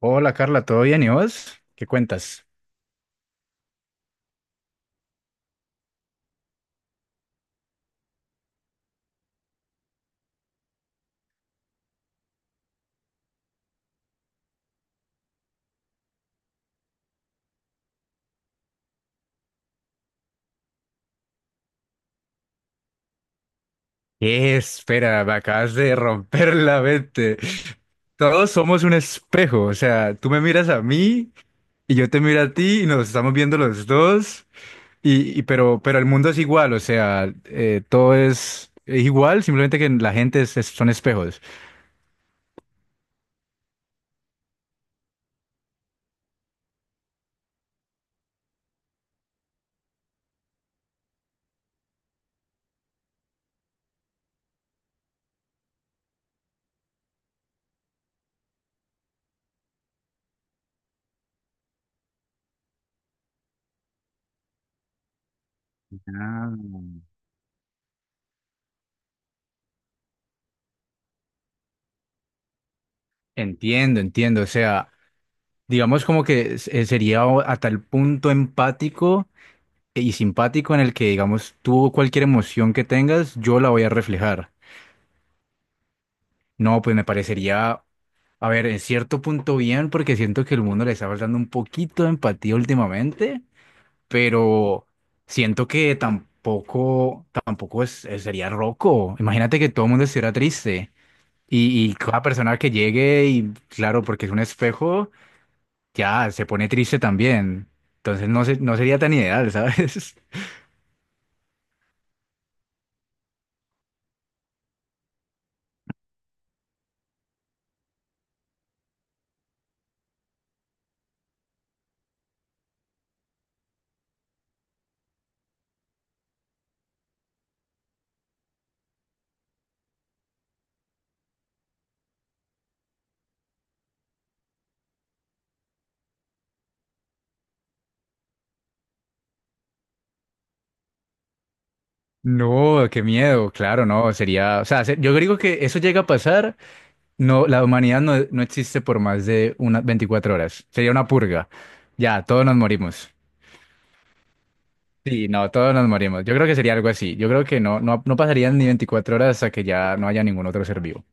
Hola Carla, ¿todo bien? ¿Y vos? ¿Qué cuentas? Espera, me acabas de romper la mente. Todos somos un espejo, o sea, tú me miras a mí y yo te miro a ti y nos estamos viendo los dos. Pero el mundo es igual, o sea, todo es igual, simplemente que la gente son espejos. Ah. Entiendo, entiendo, o sea, digamos como que sería a tal punto empático y simpático en el que, digamos, tú cualquier emoción que tengas, yo la voy a reflejar. No, pues me parecería, a ver, en cierto punto bien, porque siento que el mundo le está faltando un poquito de empatía últimamente, pero siento que tampoco, tampoco es, sería roco. Imagínate que todo el mundo estuviera triste y cada persona que llegue y, claro, porque es un espejo, ya se pone triste también. Entonces no, no sería tan ideal, ¿sabes? No, qué miedo, claro, no, sería, o sea, yo digo que eso llega a pasar, no, la humanidad no, no existe por más de unas 24 horas, sería una purga, ya, todos nos morimos. Sí, no, todos nos morimos, yo creo que sería algo así, yo creo que no, no, no pasarían ni 24 horas hasta que ya no haya ningún otro ser vivo.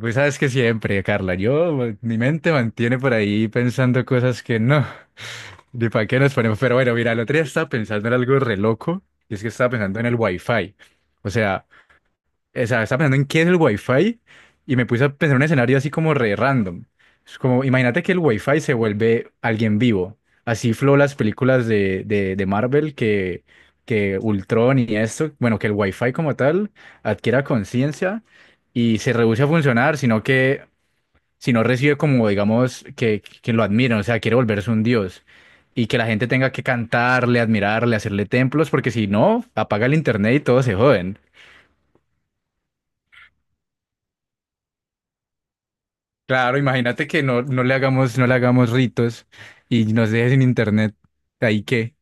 Pues sabes que siempre, Carla, yo, mi mente mantiene por ahí pensando cosas que no, ni para qué nos ponemos, pero bueno, mira, el otro día estaba pensando en algo re loco, y es que estaba pensando en el Wi-Fi. O sea... O sea, estaba pensando en qué es el Wi-Fi y me puse a pensar en un escenario así como re random. Es como, imagínate que el Wi-Fi se vuelve alguien vivo. Así flow las películas de Marvel que Ultron y esto, bueno, que el Wi-Fi como tal adquiera conciencia y se reduce a funcionar, sino que si no recibe como, digamos, que lo admiran, o sea, quiere volverse un dios. Y que la gente tenga que cantarle, admirarle, hacerle templos, porque si no, apaga el internet y todos se joden. Claro, imagínate que no, no le hagamos, no le hagamos ritos y nos deje sin internet. ¿Ahí qué?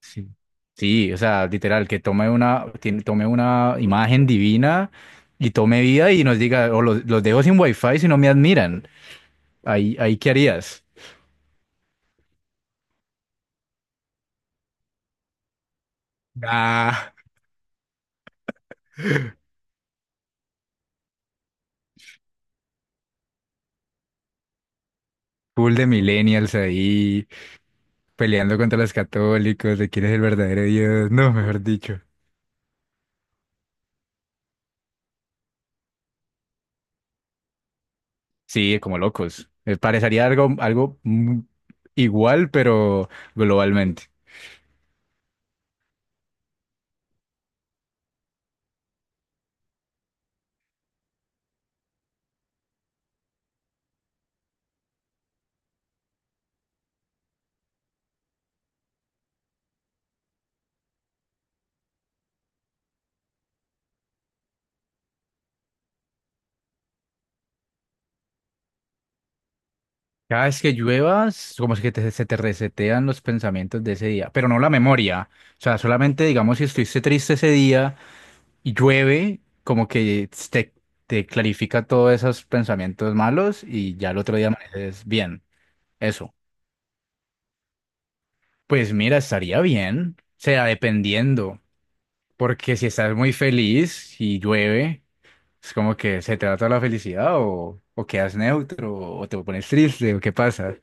Sí. Sí, o sea, literal, que tome una, tome una imagen divina y tome vida y nos diga, o los dejo sin wifi si no me admiran. Ahí, ahí ¿qué harías? Ah, full de millennials ahí, peleando contra los católicos, de quién es el verdadero Dios. No, mejor dicho. Sí, como locos. Me parecería algo, algo igual, pero globalmente. Cada vez que lluevas, como si que se te resetean los pensamientos de ese día, pero no la memoria. O sea, solamente, digamos, si estuviste triste ese día y llueve, como que te clarifica todos esos pensamientos malos y ya el otro día amaneces bien. Eso. Pues mira, estaría bien. O sea, dependiendo. Porque si estás muy feliz y llueve, es como que se te va toda la felicidad o quedas neutro o te pones triste o qué pasa.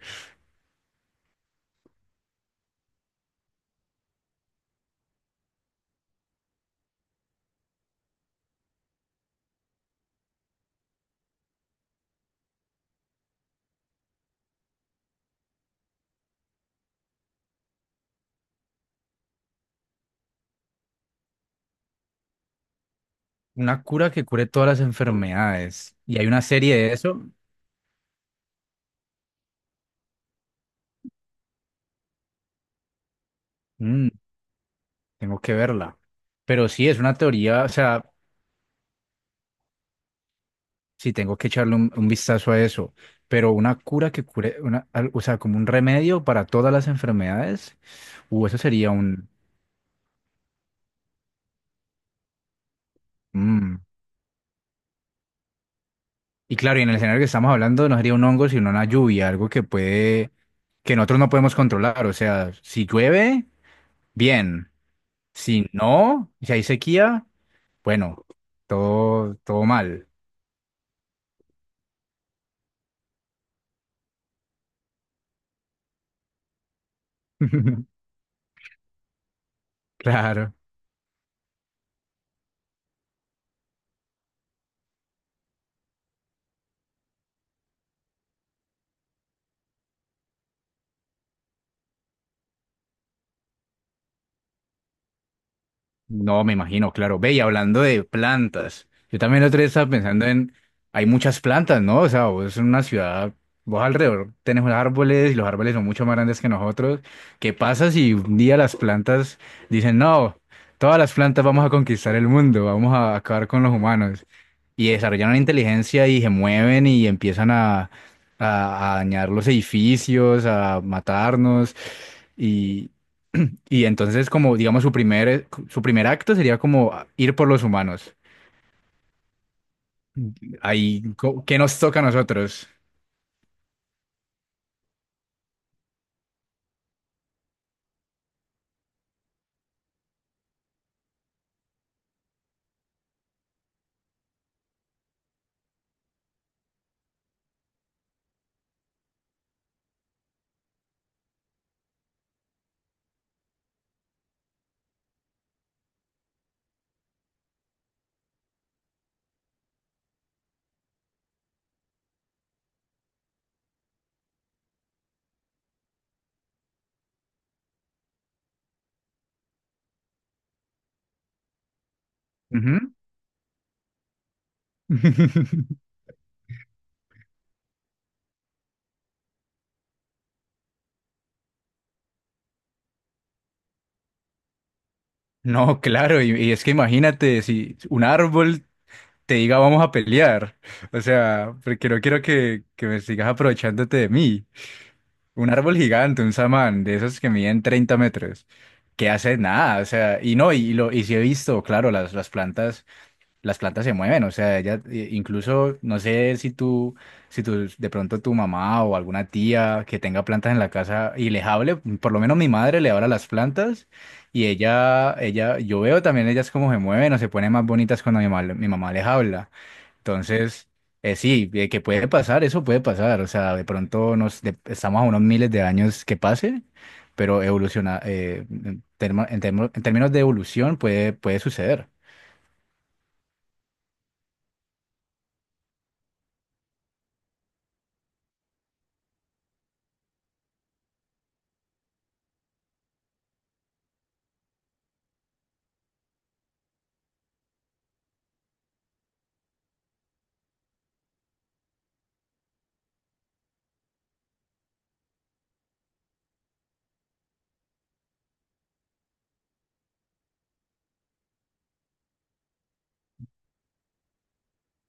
Una cura que cure todas las enfermedades. Y hay una serie de eso. Mm, tengo que verla. Pero sí, es una teoría, o sea, sí tengo que echarle un vistazo a eso. Pero una cura que cure, una, o sea, como un remedio para todas las enfermedades. Eso sería un... Mm. Y claro, y en el escenario que estamos hablando no sería un hongo, sino una lluvia, algo que puede, que nosotros no podemos controlar. O sea, si llueve, bien. Si no, si hay sequía, bueno, todo, todo mal. Claro, no me imagino, claro. Ve, y hablando de plantas, yo también la otra vez estaba pensando en, hay muchas plantas, ¿no? O sea, vos en una ciudad, vos alrededor tenés unos árboles y los árboles son mucho más grandes que nosotros. ¿Qué pasa si un día las plantas dicen, no, todas las plantas vamos a conquistar el mundo, vamos a acabar con los humanos? Y desarrollan una inteligencia y se mueven y empiezan a dañar los edificios, a matarnos. Y, y entonces, como digamos, su primer acto sería como ir por los humanos. Ahí, ¿qué nos toca a nosotros? Ujú. No, claro, y es que imagínate si un árbol te diga vamos a pelear. O sea, porque no quiero que me sigas aprovechándote de mí. Un árbol gigante, un samán, de esos que miden 30 metros, que hace nada, o sea, y no, y, lo, y sí he visto, claro, las plantas se mueven, o sea, ella incluso no sé si tú, si tú de pronto tu mamá o alguna tía que tenga plantas en la casa y les hable, por lo menos mi madre le habla a las plantas y ella, yo veo también ellas cómo se mueven o se ponen más bonitas cuando mi, mi mamá les habla. Entonces, sí, que puede pasar, eso puede pasar, o sea, de pronto nos, estamos a unos miles de años que pase. Pero evoluciona, en, en términos de evolución puede, puede suceder.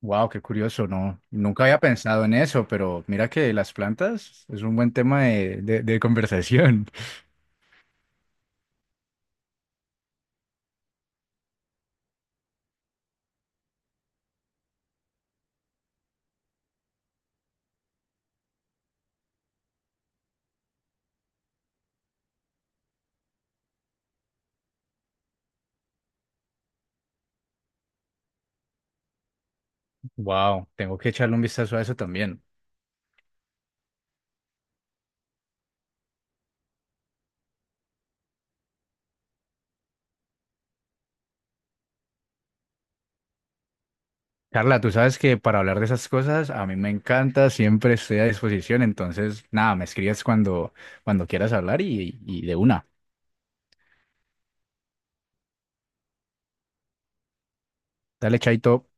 Wow, qué curioso, no, nunca había pensado en eso, pero mira que las plantas es un buen tema de, de conversación. Wow, tengo que echarle un vistazo a eso también. Carla, tú sabes que para hablar de esas cosas a mí me encanta, siempre estoy a disposición, entonces nada, me escribes cuando, cuando quieras hablar y de una. Dale, chaito.